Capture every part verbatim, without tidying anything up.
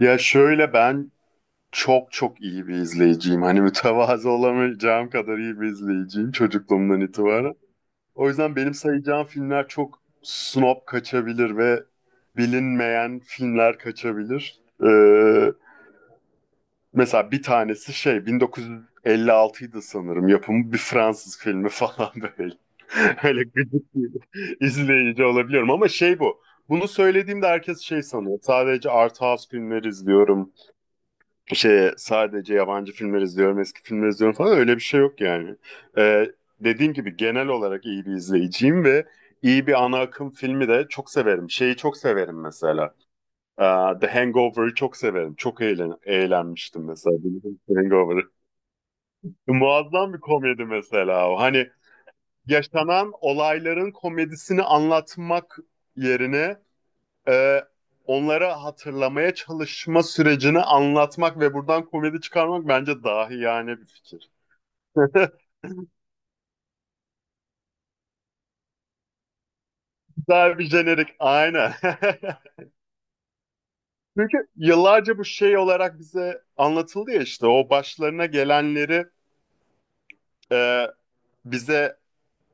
Ya şöyle ben çok çok iyi bir izleyiciyim. Hani mütevazı olamayacağım kadar iyi bir izleyiciyim çocukluğumdan itibaren. O yüzden benim sayacağım filmler çok snob kaçabilir ve bilinmeyen filmler kaçabilir. Ee, mesela bir tanesi şey bin dokuz yüz elli altıydı sanırım yapımı bir Fransız filmi falan böyle. Öyle gıcık bir izleyici olabiliyorum ama şey bu. Bunu söylediğimde herkes şey sanıyor. Sadece art house filmleri izliyorum şey sadece yabancı filmler izliyorum, eski filmler izliyorum falan öyle bir şey yok yani. Ee, dediğim gibi genel olarak iyi bir izleyiciyim ve iyi bir ana akım filmi de çok severim. Şeyi çok severim mesela. Ee, The Hangover'ı çok severim. Çok eğlen eğlenmiştim mesela. The Hangover'ı. Muazzam bir komedi mesela o. Hani yaşanan olayların komedisini anlatmak yerine e, onlara hatırlamaya çalışma sürecini anlatmak ve buradan komedi çıkarmak bence dahi yani bir fikir. Daha bir jenerik aynen. Çünkü yıllarca bu şey olarak bize anlatıldı ya işte o başlarına gelenleri e, bize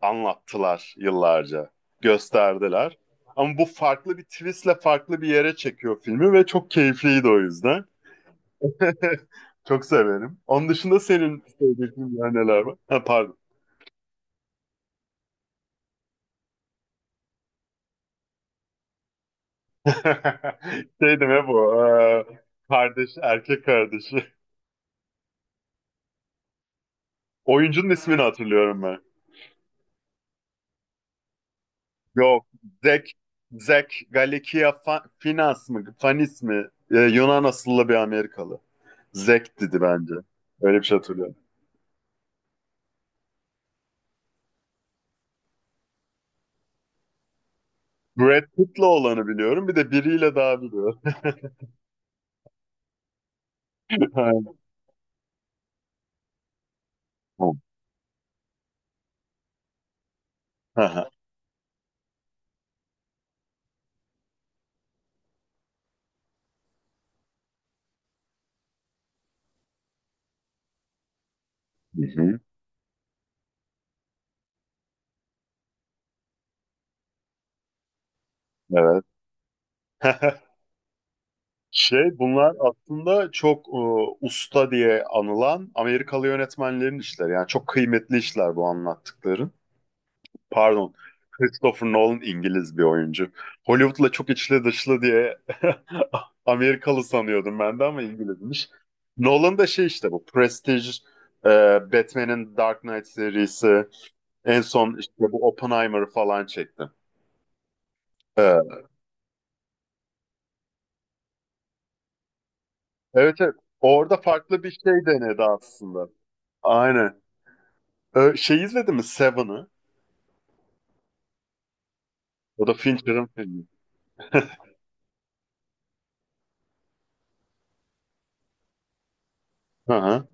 anlattılar yıllarca. Gösterdiler. Ama bu farklı bir twistle farklı bir yere çekiyor filmi ve çok keyifliydi o yüzden. Çok severim. Onun dışında senin sevdiğin neler var? Ha, pardon. Şey deme bu. eee, kardeş, erkek kardeşi. Oyuncunun ismini hatırlıyorum ben. Yok. Zek, Zek Galikia Fa- Finas mı? Fanis mi? Ee, Yunan asıllı bir Amerikalı. Zek dedi bence. Öyle bir şey hatırlıyorum. Brad Pitt'le olanı biliyorum. Bir de biriyle daha biliyorum. Aynen. Hı hı. Hı hı. Evet. Şey bunlar aslında çok e, usta diye anılan Amerikalı yönetmenlerin işleri. Yani çok kıymetli işler bu anlattıkların. Pardon. Christopher Nolan İngiliz bir oyuncu. Hollywood'la çok içli dışlı diye Amerikalı sanıyordum ben de ama İngilizmiş. Nolan da şey işte bu Prestige, e, Batman'in Dark Knight serisi, en son işte bu Oppenheimer falan çekti. E, evet, evet. Orada farklı bir şey denedi aslında. Aynen. Ee, şey izledin mi Seven'ı? O da Fincher'ın filmi. Hı hı.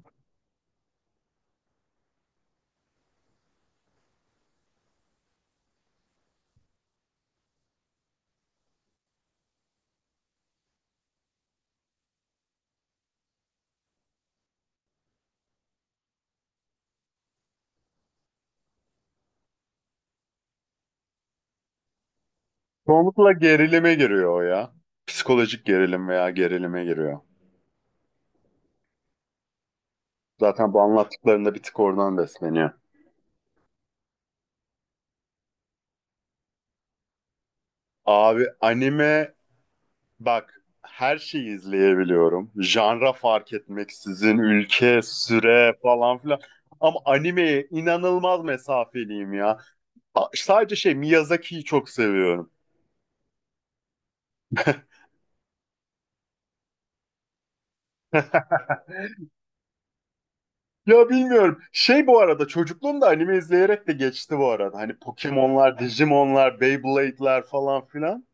Çoğunlukla gerilime giriyor o ya. Psikolojik gerilim veya gerilime giriyor. Zaten bu anlattıklarında bir tık oradan besleniyor. Abi anime bak, her şeyi izleyebiliyorum. Janra fark etmeksizin, ülke, süre falan filan. Ama animeye inanılmaz mesafeliyim ya. A- Sadece şey Miyazaki'yi çok seviyorum. Ya bilmiyorum. Şey bu arada çocukluğumda anime izleyerek de geçti bu arada. Hani Pokemon'lar, Digimon'lar, Beyblade'ler falan filan.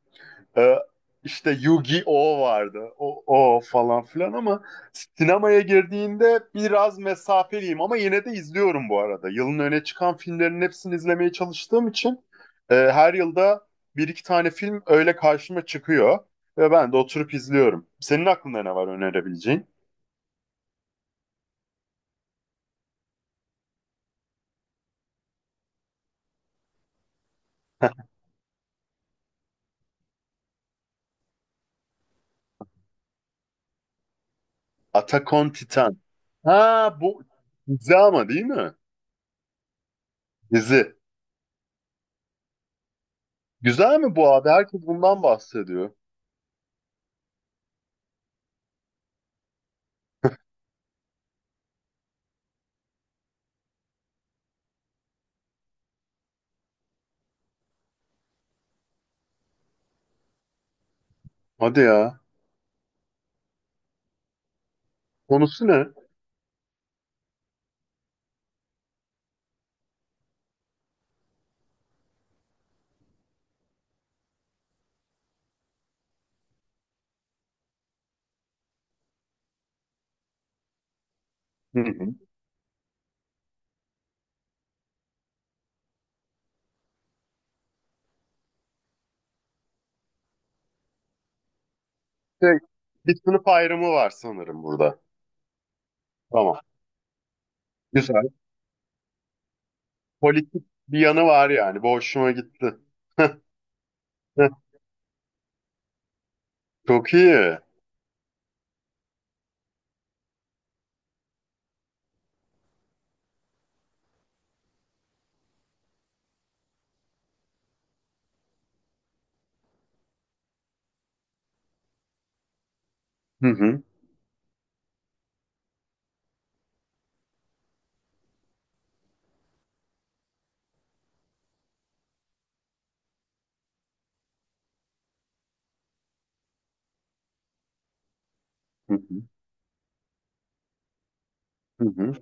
Ee, işte Yu-Gi-Oh vardı. O, o falan filan ama sinemaya girdiğinde biraz mesafeliyim ama yine de izliyorum bu arada. Yılın öne çıkan filmlerin hepsini izlemeye çalıştığım için e, her yılda bir iki tane film öyle karşıma çıkıyor ve ben de oturup izliyorum. Senin aklında ne var önerebileceğin? Atakon Titan. Ha, bu dizi ama değil mi? Dizi. Güzel mi bu abi? Herkes bundan bahsediyor. Hadi ya. Konusu ne? Hı hı. Şey, bir sınıf ayrımı var sanırım burada. Tamam. Güzel. Politik bir yanı var yani. Bu hoşuma gitti. Çok iyi. Hı hı. Hı hı. Hı hı.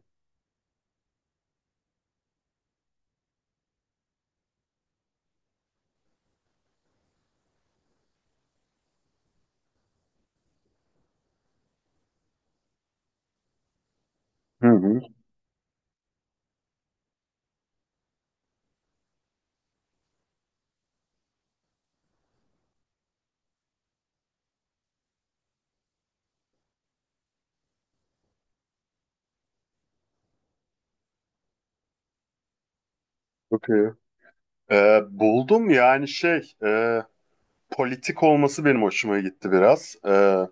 Hı hı. Çok iyi. Ee, buldum yani şey e, politik olması benim hoşuma gitti biraz. Ee,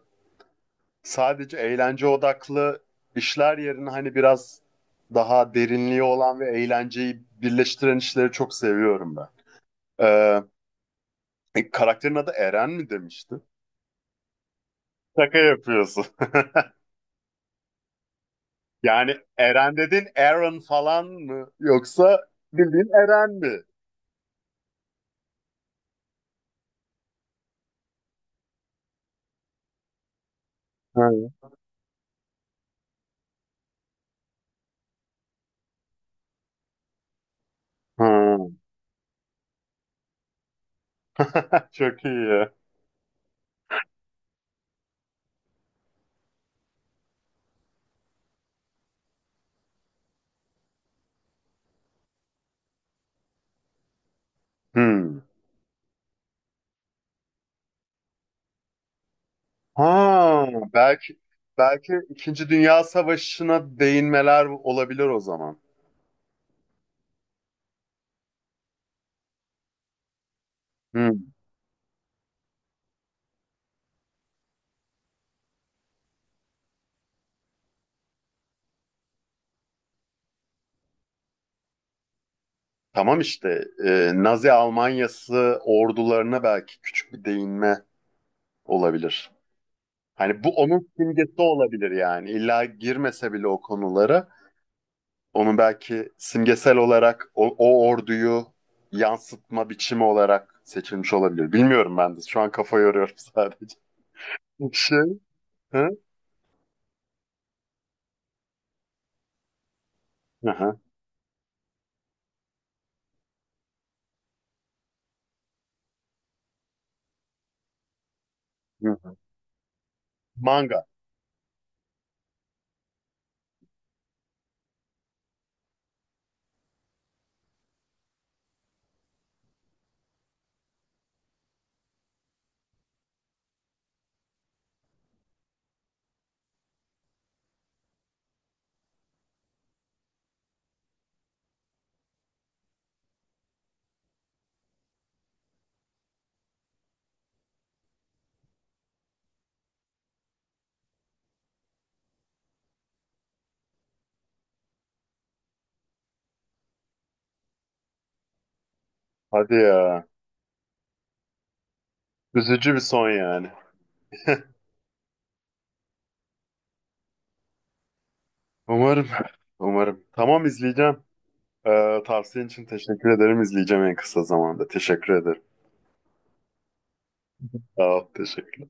sadece eğlence odaklı işler yerine hani biraz daha derinliği olan ve eğlenceyi birleştiren işleri çok seviyorum ben. Ee, e, karakterin adı Eren mi demişti? Şaka yapıyorsun. Yani Eren dedin, Aaron falan mı? Yoksa bildiğin Eren mi? Ha. Ha. Çok iyi. Hmm. Ha, belki belki İkinci Dünya Savaşı'na değinmeler olabilir o zaman. Hmm. Tamam işte e, Nazi Almanyası ordularına belki küçük bir değinme olabilir. Hani bu onun simgesi olabilir yani. İlla girmese bile o konulara onun belki simgesel olarak o, o orduyu yansıtma biçimi olarak seçilmiş olabilir. Bilmiyorum ben de. Şu an kafa yoruyorum sadece. Şey, hı? Hı hı. Manga. Hadi ya. Üzücü bir son yani. Umarım. Umarım. Tamam, izleyeceğim. Ee, tavsiyen için teşekkür ederim. İzleyeceğim en kısa zamanda. Teşekkür ederim. Sağ ol, teşekkür.